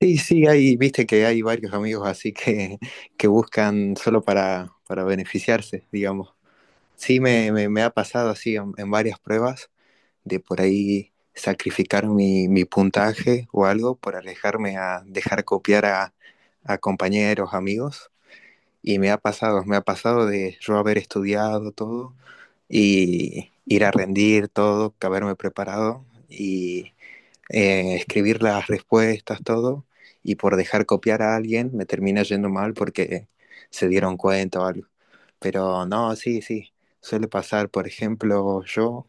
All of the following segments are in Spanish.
Sí, sí, hay, viste que hay varios amigos así que buscan solo para beneficiarse, digamos. Sí, me ha pasado así en varias pruebas de por ahí sacrificar mi puntaje o algo por alejarme a dejar copiar a compañeros, amigos. Y me ha pasado de yo haber estudiado todo y ir a rendir todo, que haberme preparado y escribir las respuestas, todo, y por dejar copiar a alguien me termina yendo mal porque se dieron cuenta o algo. Pero no, sí, sí, suele pasar. Por ejemplo, yo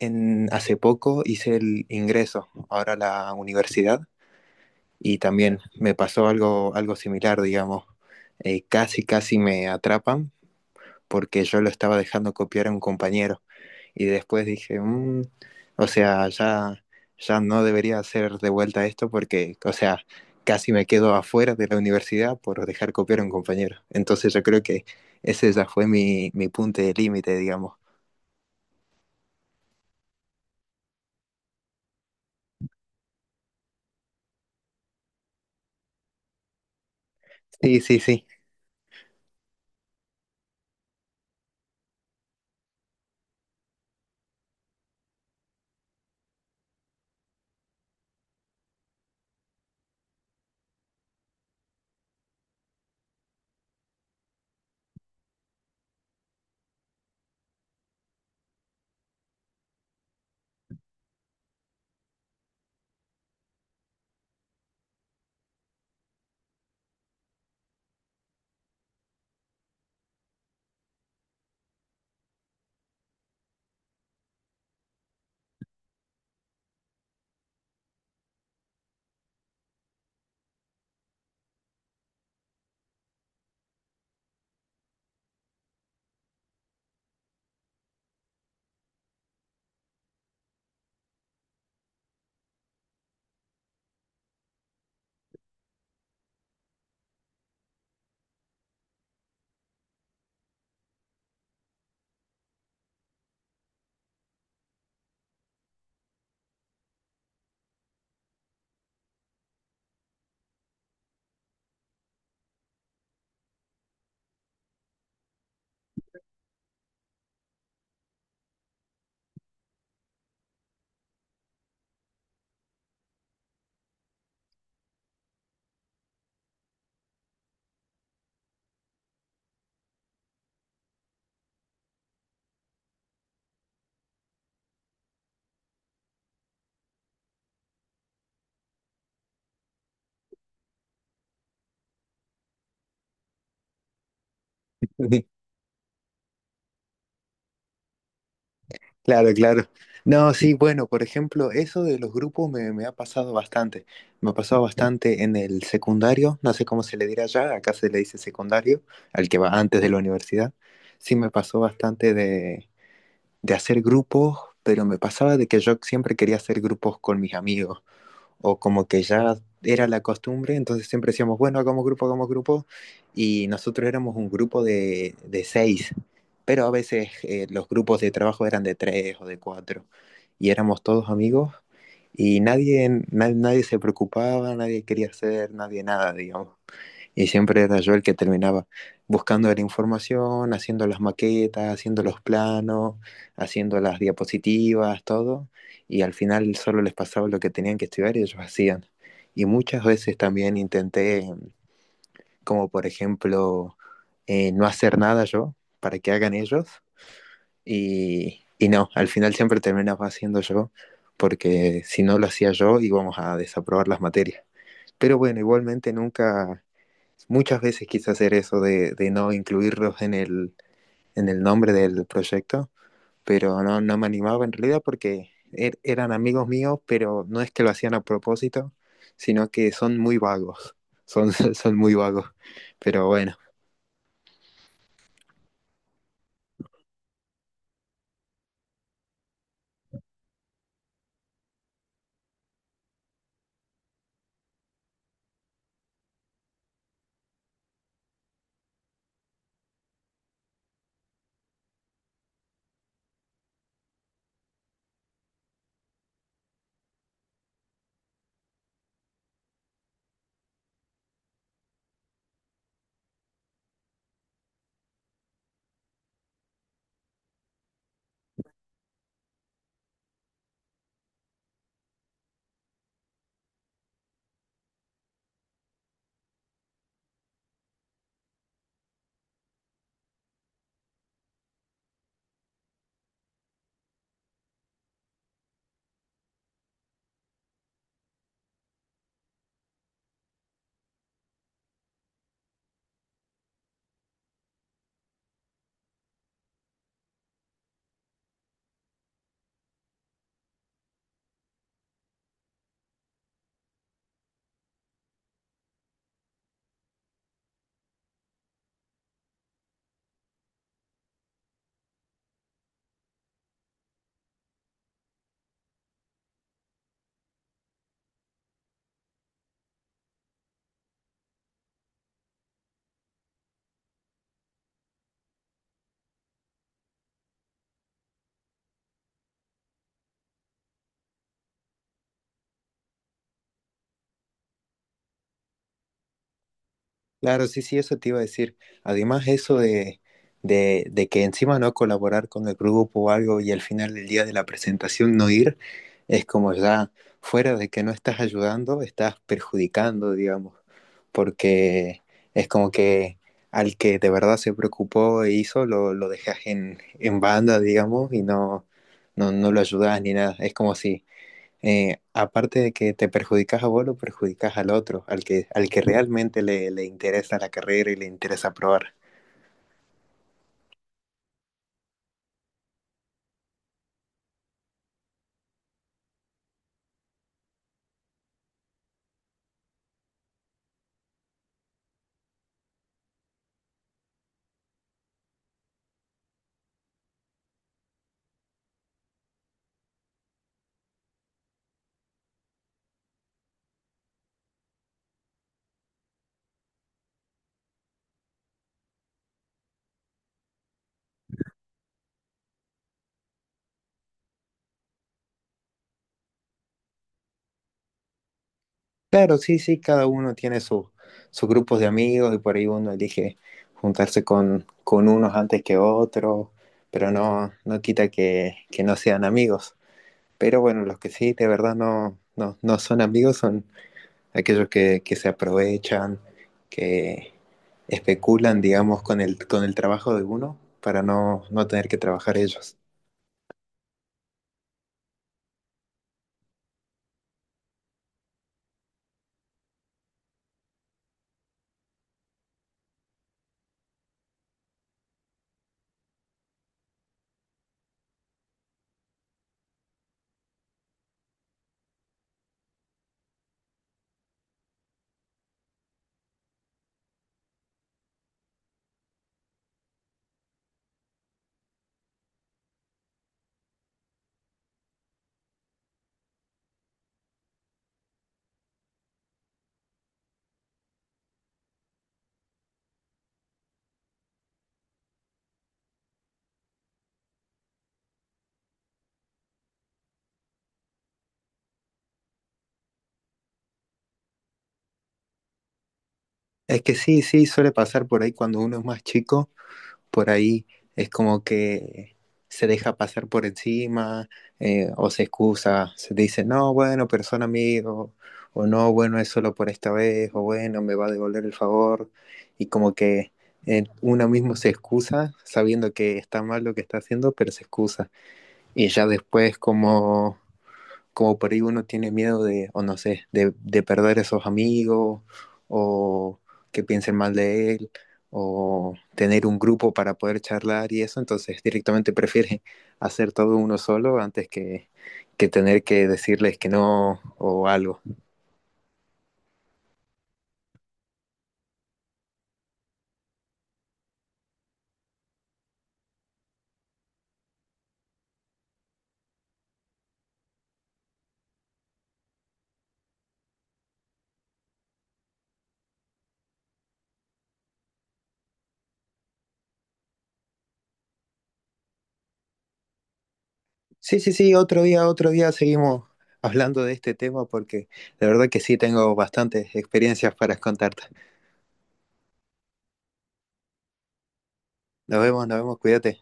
hace poco hice el ingreso ahora a la universidad y también me pasó algo, algo similar, digamos. Casi me atrapan porque yo lo estaba dejando copiar a un compañero y después dije, "Mm, o sea, ya, ya no debería hacer de vuelta esto porque, o sea, casi me quedo afuera de la universidad por dejar copiar a un compañero. Entonces yo creo que ese ya fue mi punto de límite, digamos. Sí, sí, sí. Claro, claro. No, sí, bueno, por ejemplo, eso de los grupos me ha pasado bastante. Me ha pasado bastante en el secundario, no sé cómo se le dirá allá, acá se le dice secundario, al que va antes de la universidad. Sí, me pasó bastante de hacer grupos, pero me pasaba de que yo siempre quería hacer grupos con mis amigos, o como que ya era la costumbre, entonces siempre decíamos, bueno, hagamos grupo, y nosotros éramos un grupo de seis, pero a veces los grupos de trabajo eran de tres o de cuatro, y éramos todos amigos, y nadie se preocupaba, nadie quería hacer, nadie nada, digamos. Y siempre era yo el que terminaba buscando la información, haciendo las maquetas, haciendo los planos, haciendo las diapositivas, todo. Y al final solo les pasaba lo que tenían que estudiar y ellos hacían. Y muchas veces también intenté, como por ejemplo, no hacer nada yo para que hagan ellos. Y no, al final siempre terminaba haciendo yo, porque si no lo hacía yo íbamos a desaprobar las materias. Pero bueno, igualmente nunca muchas veces quise hacer eso de no incluirlos en en el nombre del proyecto, pero no, no me animaba en realidad porque eran amigos míos, pero no es que lo hacían a propósito, sino que son muy vagos, son, son muy vagos, pero bueno. Claro, sí, sí, eso te iba a decir. Además, eso de que encima no colaborar con el grupo o algo y al final del día de la presentación no ir, es como ya fuera de que no estás ayudando, estás perjudicando, digamos, porque es como que al que de verdad se preocupó e hizo, lo dejas en banda, digamos, y no lo ayudas ni nada. Es como si aparte de que te perjudicas a vos, lo perjudicas al otro, al que realmente le interesa la carrera y le interesa probar. Claro, sí, sí, cada uno tiene su, sus grupos de amigos y por ahí uno elige juntarse con unos antes que otros, pero no, no quita que no sean amigos. Pero bueno, los que sí, de verdad no son amigos son aquellos que se aprovechan, que especulan, digamos, con con el trabajo de uno para no, no tener que trabajar ellos. Es que sí, sí, suele pasar por ahí cuando uno es más chico, por ahí es como que se deja pasar por encima o se excusa, se dice, no, bueno, pero son amigos, o no, bueno, es solo por esta vez, o bueno, me va a devolver el favor, y como que uno mismo se excusa sabiendo que está mal lo que está haciendo, pero se excusa. Y ya después como, como por ahí uno tiene miedo de, o no sé, de perder esos amigos, o que piensen mal de él, o tener un grupo para poder charlar y eso, entonces directamente prefiere hacer todo uno solo antes que tener que decirles que no o algo. Sí, sí, sí, otro día seguimos hablando de este tema porque la verdad que sí tengo bastantes experiencias para contarte. Nos vemos, cuídate.